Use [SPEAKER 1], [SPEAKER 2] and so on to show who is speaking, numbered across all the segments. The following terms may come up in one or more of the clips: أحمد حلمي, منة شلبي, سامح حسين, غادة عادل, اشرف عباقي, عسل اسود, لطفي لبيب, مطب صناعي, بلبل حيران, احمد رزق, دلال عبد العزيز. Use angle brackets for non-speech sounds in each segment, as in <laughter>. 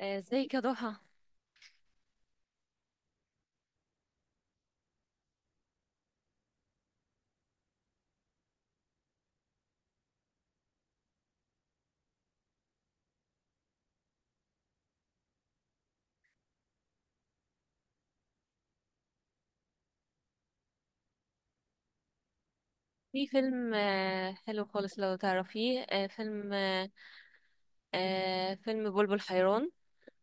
[SPEAKER 1] ازيك يا ضحى؟ في فيلم حلو خالص لو تعرفيه. آه، فيلم آه، آه، فيلم بلبل حيران،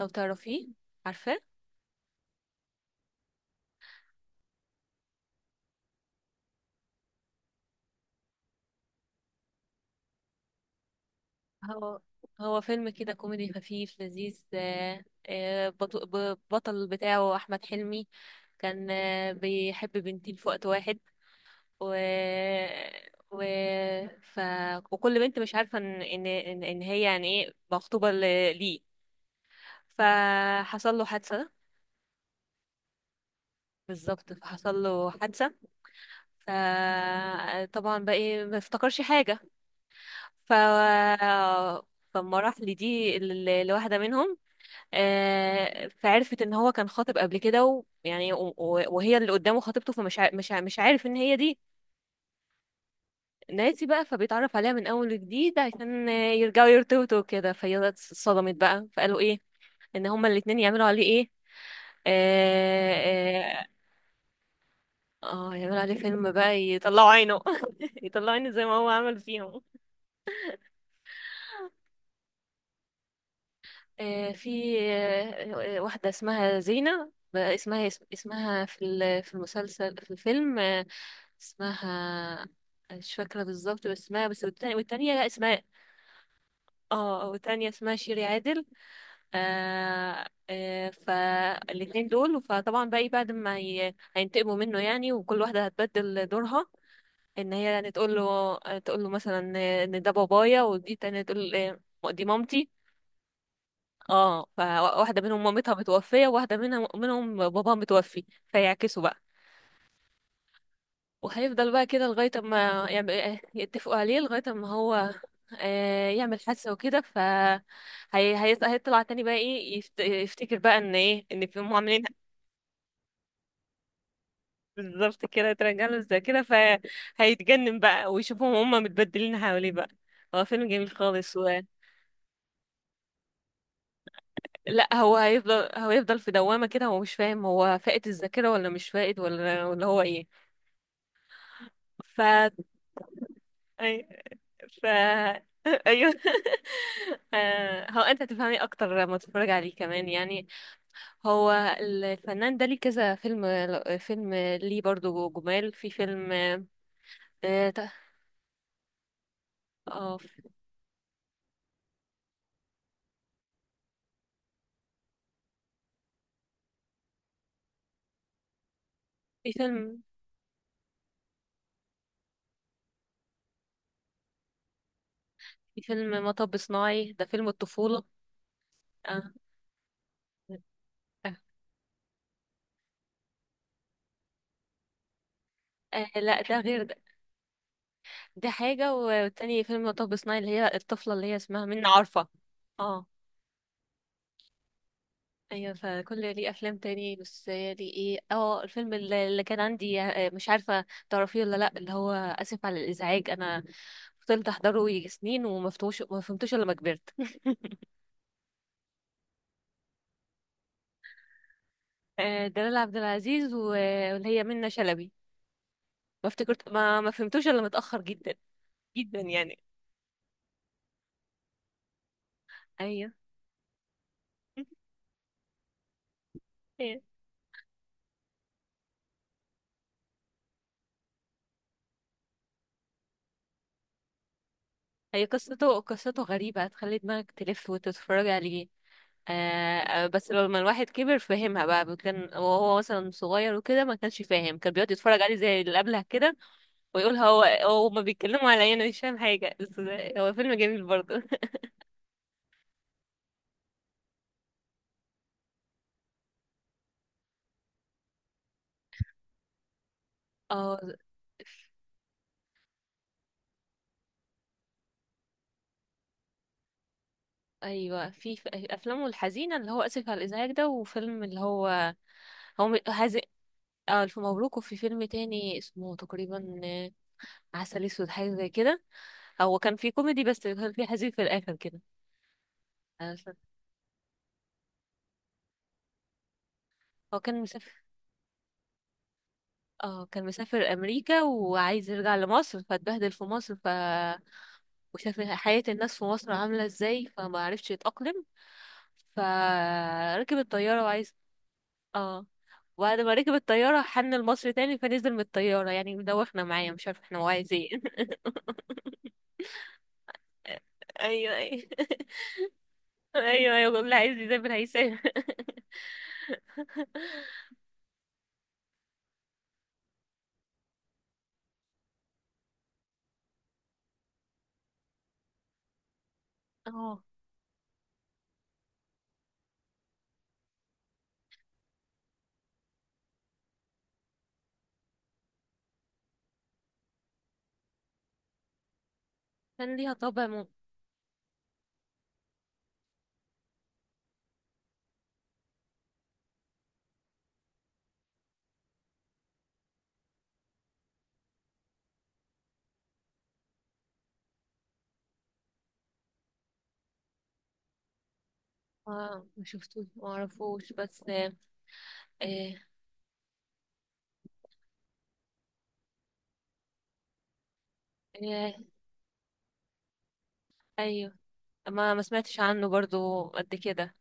[SPEAKER 1] لو تعرفيه، عارفاه؟ هو هو فيلم كده كوميدي خفيف لذيذ. آه، بطل بتاعه أحمد حلمي، كان بيحب بنتين في وقت واحد. و... و... ف... وكل بنت مش عارفة إن هي يعني إيه، مخطوبة ليه. فحصل له حادثة. بالظبط، فحصل له حادثة. فطبعا بقى ايه، ما افتكرش حاجة. ف فالمراحل دي، الواحدة منهم فعرفت ان هو كان خاطب قبل كده، ويعني وهي اللي قدامه خطيبته، فمش ع- مش ع- مش عارف ان هي دي. ناسي بقى، فبيتعرف عليها من اول وجديد، عشان يرجعوا يرتبطوا وكده، فهي اتصدمت بقى، فقالوا ايه، ان هما الاتنين يعملوا عليه ايه. اه, يعملوا عليه فيلم بقى، يطلعوا عينه <laughs> يطلعوا عينه زي ما هو عمل فيهم. في واحدة اسمها زينة بقى، اسمها اسمها في ال- في المسلسل في الفيلم اسمها، مش فاكرة بالظبط، بس اسمها، بس. والتانية لا، اسمها، اه، والتانية اسمها شيري عادل. فالاتنين دول، فطبعا بقى إيه، بعد ما هينتقموا منه يعني، وكل واحدة هتبدل دورها، ان هي يعني تقول له مثلا ان ده بابايا، ودي تانية تقول دي مامتي. اه، فواحدة منهم مامتها متوفية، وواحدة منهم باباها متوفي، فيعكسوا بقى. وهيفضل بقى كده لغاية ما يعمل، يتفقوا عليه لغاية ما هو يعمل حادثة وكده. هيطلع تاني بقى ايه، يفتكر بقى ان ايه، ان في هم عاملين. بالظبط كده، ترجع له زي كده. فهيتجنن بقى، ويشوفهم هم متبدلين حواليه بقى. هو فيلم جميل خالص. لا، هو هيفضل، هو يفضل في دوامة كده، هو مش فاهم، هو فاقد الذاكرة ولا مش فاقد، ولا هو ايه. ف أي... ف <laughs> ايوه. <laughs> هو انت تفهمي اكتر لما تتفرج عليه كمان يعني. هو الفنان ده ليه كذا فيلم، فيلم ليه برضو، جمال في فيلم. اه ت- آه، في فيلم، في فيلم مطب صناعي، ده فيلم الطفولة. آه. آه. لا، ده غير ده، ده حاجة، والتاني فيلم مطب صناعي، اللي هي الطفلة اللي هي اسمها منى، عارفة؟ اه، ايوه، فكل ليه افلام تاني، بس هي دي ايه. اه، الفيلم اللي كان عندي، مش عارفه تعرفيه ولا لا، اللي هو اسف على الازعاج، انا فضلت احضره يجي سنين وما فتوش، ما فهمتوش الا لما كبرت <laughs> دلال عبد العزيز، واللي هي منة شلبي. ما افتكرت، ما فهمتوش الا متاخر جدا، جدا يعني. ايوه. <laughs> هي قصته، قصته غريبه، هتخلي دماغك تلف وتتفرج عليه. بس لما الواحد كبر فهمها بقى. كان وهو مثلا صغير وكده ما كانش فاهم، كان بيقعد يتفرج عليه زي اللي قبلها كده، ويقول هو ما بيتكلموا عليا، انا مش فاهم حاجه، بس هو فيلم جميل برضه <laughs> اه، ايوه، في افلامه الحزينه، اللي هو اسف على الازعاج ده، وفيلم اللي هو، هذي، اه، الف مبروك. وفي فيلم تاني اسمه تقريبا عسل اسود، حاجه زي كده. هو كان في كوميدي، بس كان في حزين في الاخر كده. أنا مش فاكرة. هو كان مسافر. اه، كان مسافر امريكا وعايز يرجع لمصر، فاتبهدل في مصر. وشاف حياة الناس في مصر عاملة ازاي، فما عرفش يتأقلم. فركب الطيارة وعايز. اه. وبعد ما ركب الطيارة حن لمصر تاني، فنزل من الطيارة. يعني مدوخنا معايا، مش عارفة احنا هو عايز ايه. <laughs> ايوه، ايوه. <laughs> ايوه، ايوه، اللي عايز يسافر هيسافر <laughs> اه، كان ليها طابع ما شفتوش، ما اعرفوش، بس آه آه ايوه. ما سمعتش عنه برضو قد كده.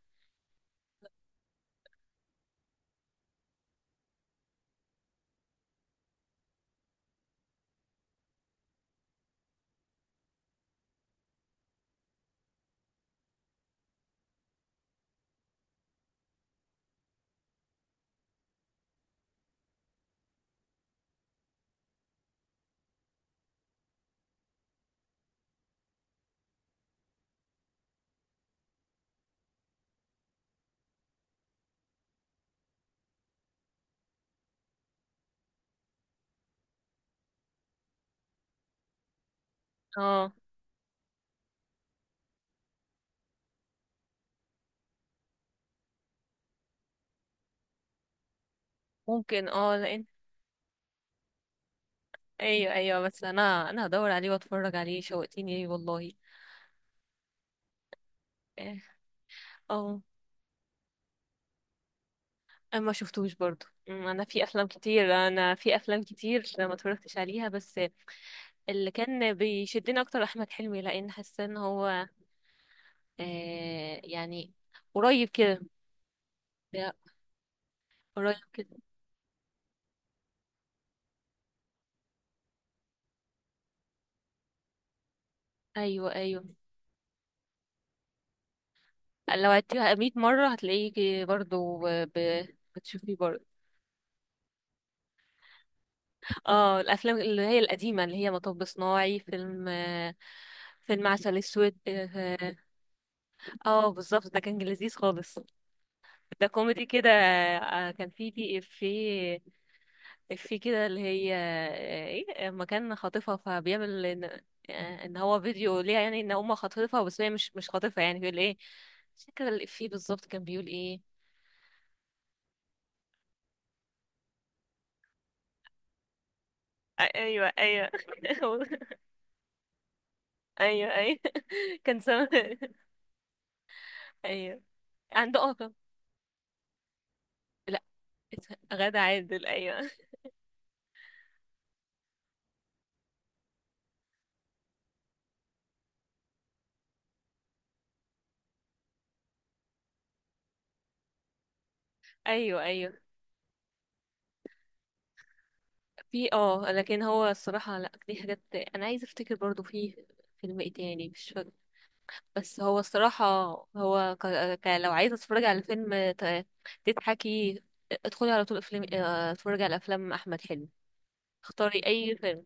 [SPEAKER 1] اه، ممكن. اه، لان ايوه، ايوه، بس انا هدور عليه واتفرج عليه، شوقتيني ليه والله. اه. آه، انا ما شفتوش برضو. انا في افلام كتير ما اتفرجتش عليها، بس اللي كان بيشدني اكتر احمد حلمي، لان حاسه ان هو يعني قريب كده. لا، قريب كده. ايوه، ايوه. لو عدتيها 100 مره هتلاقيه برضو. ب- بتشوفيه برضو. اه، الافلام اللي هي القديمه، اللي هي مطب صناعي، فيلم فيلم عسل اسود، اه. بالظبط، ده كان لذيذ خالص. ده كوميدي كده. كان في في في كده اللي هي ايه، لما كان خاطفها فبيعمل ان، إن هو فيديو ليها، يعني ان هما خاطفها، بس هي مش خاطفها يعني، بيقول ايه، مش فاكره الافيه بالظبط كان بيقول ايه. ايوه، ايوه. <laughs> ايوه، ايوه، كان سامع <laughs> ايوه، عنده، اه، لا، غادة عادل، ايوه، ايوه، ايوه. في، اه، لكن هو الصراحة، لا دي حاجات انا عايزة افتكر برضو في فيلم ايه تاني مش فاكر، بس هو الصراحة، هو ك... لو عايزة تتفرجي على فيلم تضحكي، ادخلي على طول افلام، اتفرجي على افلام احمد حلمي، اختاري اي فيلم.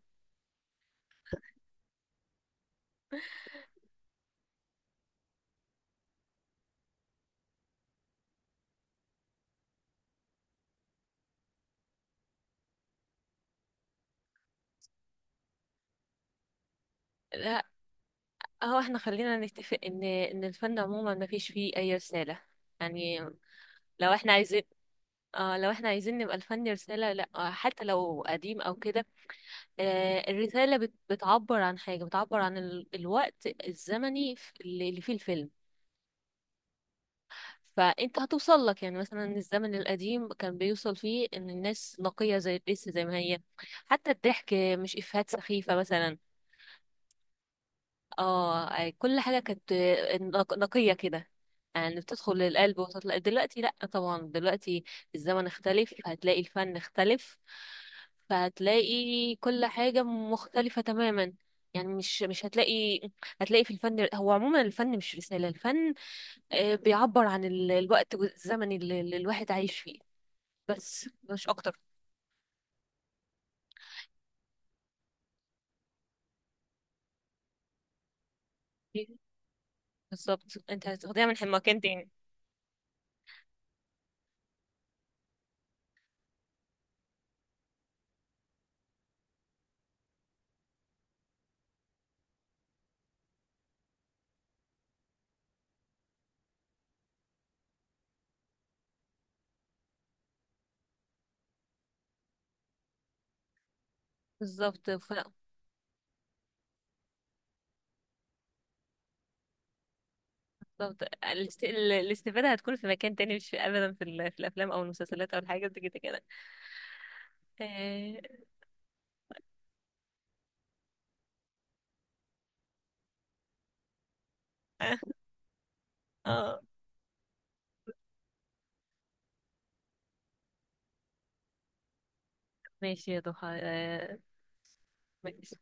[SPEAKER 1] لا، هو احنا خلينا نتفق ان الفن عموما ما فيش فيه اي رسالة، يعني لو احنا عايزين، اه، لو احنا عايزين نبقى الفن رسالة، لا، حتى لو قديم او كده، الرسالة بتعبر عن حاجة، بتعبر عن الوقت الزمني، اللي فيه الفيلم. فانت هتوصل لك، يعني مثلا الزمن القديم كان بيوصل فيه ان الناس نقية، زي لسه زي ما هي. حتى الضحك، مش افيهات سخيفة مثلا. اه، كل حاجة كانت نقية كده، يعني بتدخل للقلب وتطلع. دلوقتي لأ، طبعا دلوقتي الزمن اختلف، هتلاقي الفن اختلف، فهتلاقي كل حاجة مختلفة تماما، يعني مش هتلاقي، هتلاقي في الفن، هو عموما الفن مش رسالة، الفن بيعبر عن الوقت والزمن اللي الواحد عايش فيه، بس مش أكتر. بالظبط، انت هتاخديها من مكان تاني. بالظبط بالظبط، الاستفادة هتكون في مكان تاني، مش في ابدا في, في الافلام او المسلسلات او الحاجات دي كده كده. آه، آه، آه. ماشي يا ضحى. ماشي.